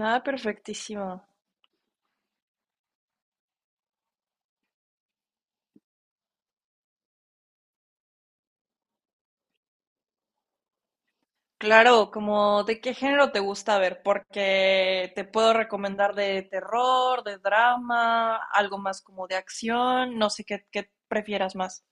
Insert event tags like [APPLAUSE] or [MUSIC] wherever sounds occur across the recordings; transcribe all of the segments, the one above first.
Nada, perfectísimo. Claro, como de qué género te gusta ver, porque te puedo recomendar de terror, de drama, algo más como de acción, no sé qué, qué prefieras más.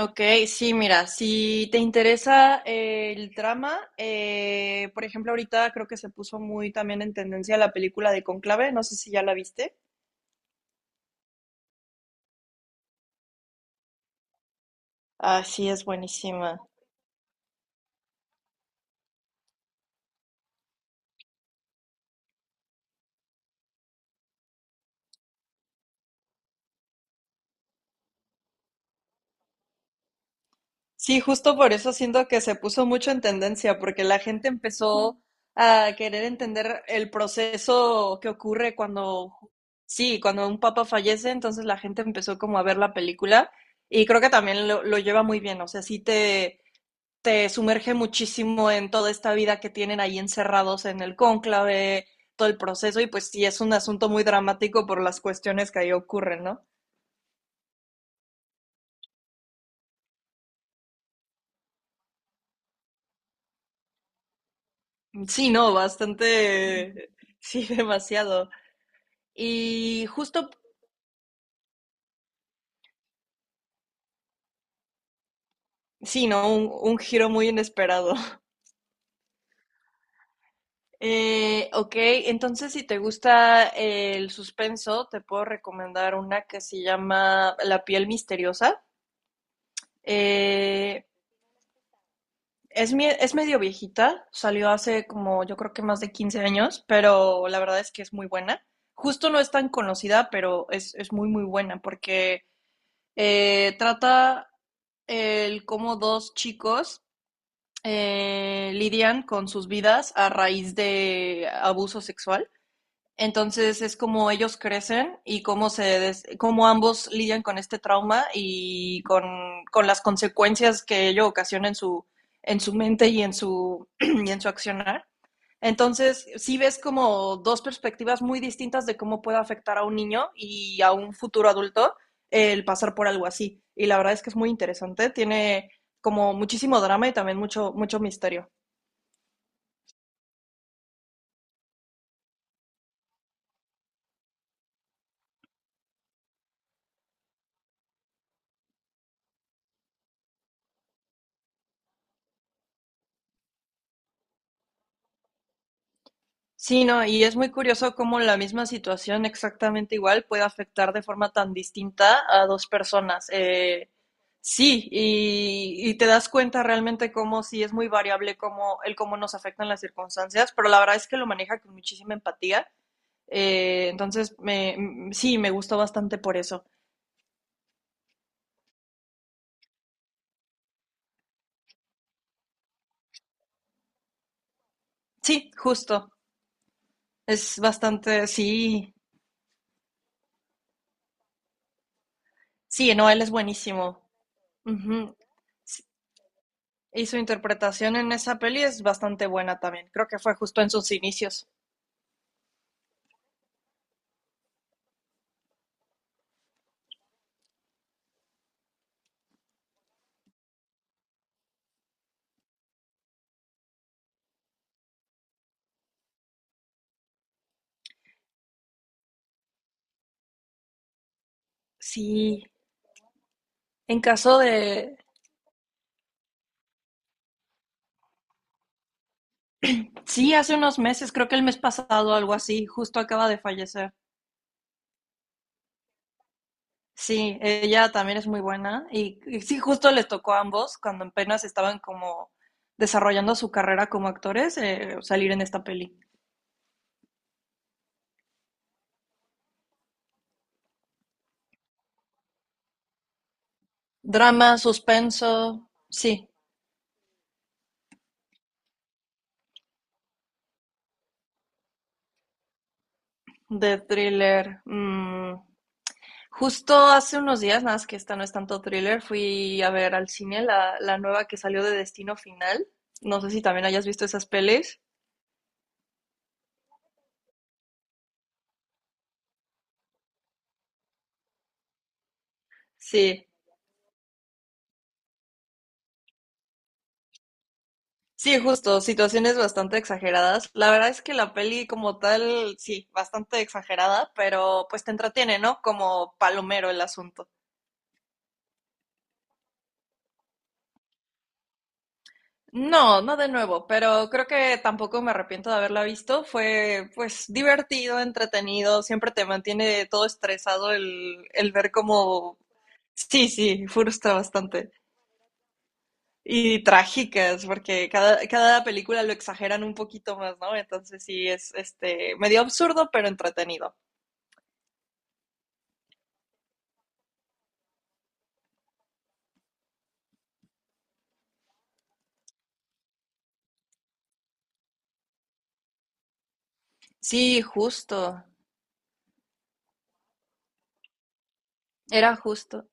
Ok, sí, mira, si te interesa el drama, por ejemplo, ahorita creo que se puso muy también en tendencia la película de Conclave, no sé si ya la viste. Ah, sí, es buenísima. Sí, justo por eso siento que se puso mucho en tendencia, porque la gente empezó a querer entender el proceso que ocurre cuando, sí, cuando un papa fallece, entonces la gente empezó como a ver la película y creo que también lo lleva muy bien, o sea, sí te sumerge muchísimo en toda esta vida que tienen ahí encerrados en el cónclave, todo el proceso y pues sí, es un asunto muy dramático por las cuestiones que ahí ocurren, ¿no? Sí, no, bastante, sí, [LAUGHS] demasiado. Y justo, sí, ¿no? Un giro muy inesperado. [LAUGHS] Ok, entonces si te gusta el suspenso, te puedo recomendar una que se llama La piel misteriosa. Eh, es, es medio viejita, salió hace como yo creo que más de 15 años, pero la verdad es que es muy buena. Justo no es tan conocida, pero es muy, muy buena porque trata el cómo dos chicos lidian con sus vidas a raíz de abuso sexual. Entonces es como ellos crecen y cómo, cómo ambos lidian con este trauma y con las consecuencias que ello ocasiona en su mente y en su, [CLEARS THROAT] y en su accionar. Entonces, sí ves como dos perspectivas muy distintas de cómo puede afectar a un niño y a un futuro adulto el pasar por algo así. Y la verdad es que es muy interesante, tiene como muchísimo drama y también mucho, mucho misterio. Sí, no, y es muy curioso cómo la misma situación exactamente igual puede afectar de forma tan distinta a dos personas. Sí, y te das cuenta realmente cómo sí es muy variable cómo, el cómo nos afectan las circunstancias, pero la verdad es que lo maneja con muchísima empatía. Entonces, sí, me gustó bastante por eso. Sí, justo. Es bastante, sí, sí, no, él es buenísimo. Ujú. Y su interpretación en esa peli es bastante buena también. Creo que fue justo en sus inicios. Sí, en caso de... Sí, hace unos meses, creo que el mes pasado, algo así, justo acaba de fallecer. Sí, ella también es muy buena. Y sí, justo les tocó a ambos cuando apenas estaban como desarrollando su carrera como actores, salir en esta peli. Drama, suspenso, sí, de thriller, justo hace unos días, nada más que esta no es tanto thriller, fui a ver al cine la, la nueva que salió de Destino Final. No sé si también hayas visto esas pelis. Sí, sí, justo, situaciones bastante exageradas. La verdad es que la peli como tal, sí, bastante exagerada, pero pues te entretiene, ¿no? Como palomero el asunto. No, no de nuevo, pero creo que tampoco me arrepiento de haberla visto. Fue pues divertido, entretenido, siempre te mantiene todo estresado el ver cómo. Sí, sí, frustra bastante. Y trágicas, porque cada, cada película lo exageran un poquito más, ¿no? Entonces sí, es este medio absurdo, pero entretenido. Sí, justo. Era justo.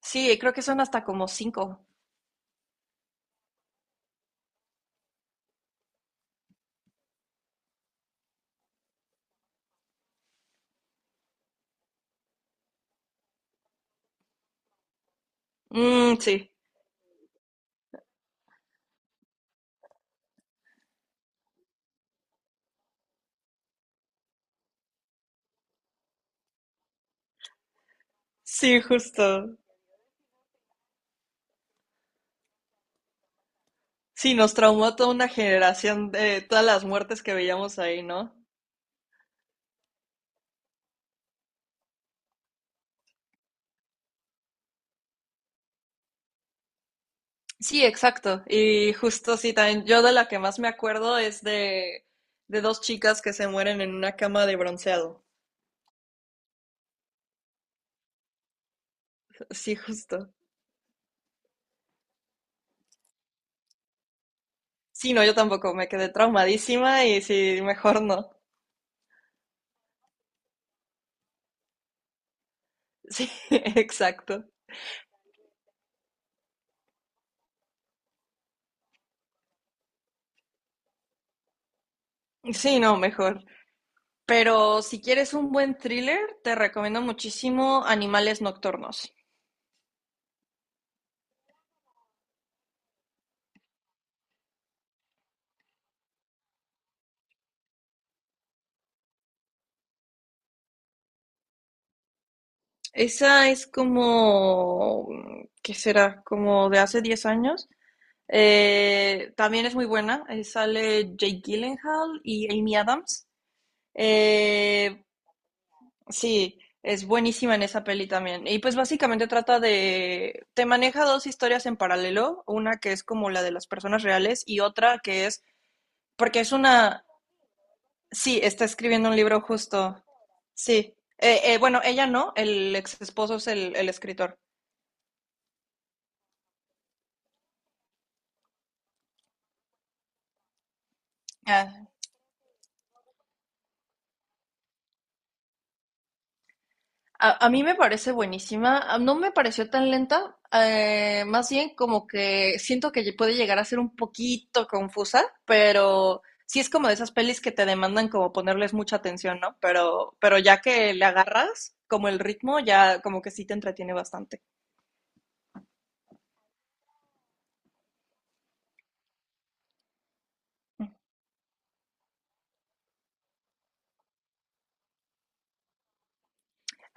Sí, creo que son hasta como cinco. Mm, sí, sí, justo. Sí, nos traumó toda una generación de todas las muertes que veíamos ahí, ¿no? Sí, exacto. Y justo sí, también yo de la que más me acuerdo es de dos chicas que se mueren en una cama de bronceado. Sí, justo. Sí, no, yo tampoco, me quedé traumadísima y sí, mejor no. Sí, [LAUGHS] exacto. Sí, no, mejor. Pero si quieres un buen thriller, te recomiendo muchísimo Animales Nocturnos. Esa es como, mm, ¿qué será? Como de hace 10 años. También es muy buena. Sale Jake Gyllenhaal y Amy Adams. Eh, Sí, es buenísima en esa peli también. Y pues básicamente trata de, te maneja dos historias en paralelo, una que es como la de las personas reales y otra que es, porque es una, sí, está escribiendo un libro justo, sí. Bueno, ella no, el ex esposo es el escritor. Ah, a mí me parece buenísima, no me pareció tan lenta, más bien como que siento que puede llegar a ser un poquito confusa, pero sí es como de esas pelis que te demandan como ponerles mucha atención, ¿no? Pero ya que le agarras como el ritmo, ya como que sí te entretiene bastante.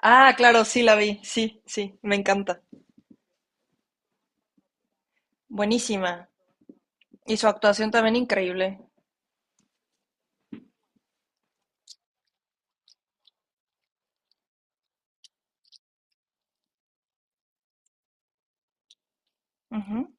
Ah, claro, sí la vi, sí, sí, me encanta. Buenísima. Y su actuación también increíble. Ujú.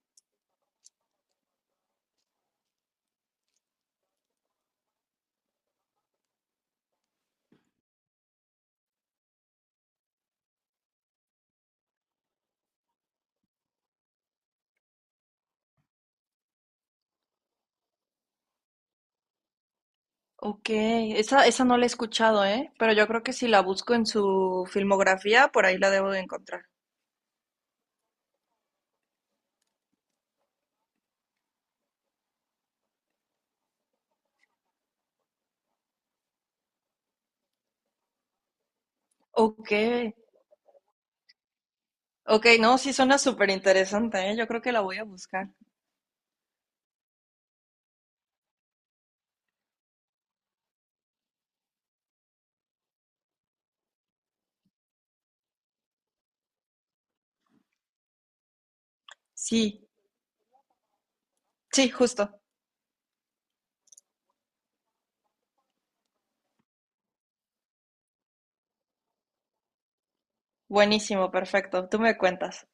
Ok, esa no la he escuchado, ¿eh? Pero yo creo que si la busco en su filmografía, por ahí la debo de encontrar. Ok, ok, no, sí suena súper interesante, ¿eh? Yo creo que la voy a buscar. Sí, sí, justo. Buenísimo, perfecto. Tú me cuentas.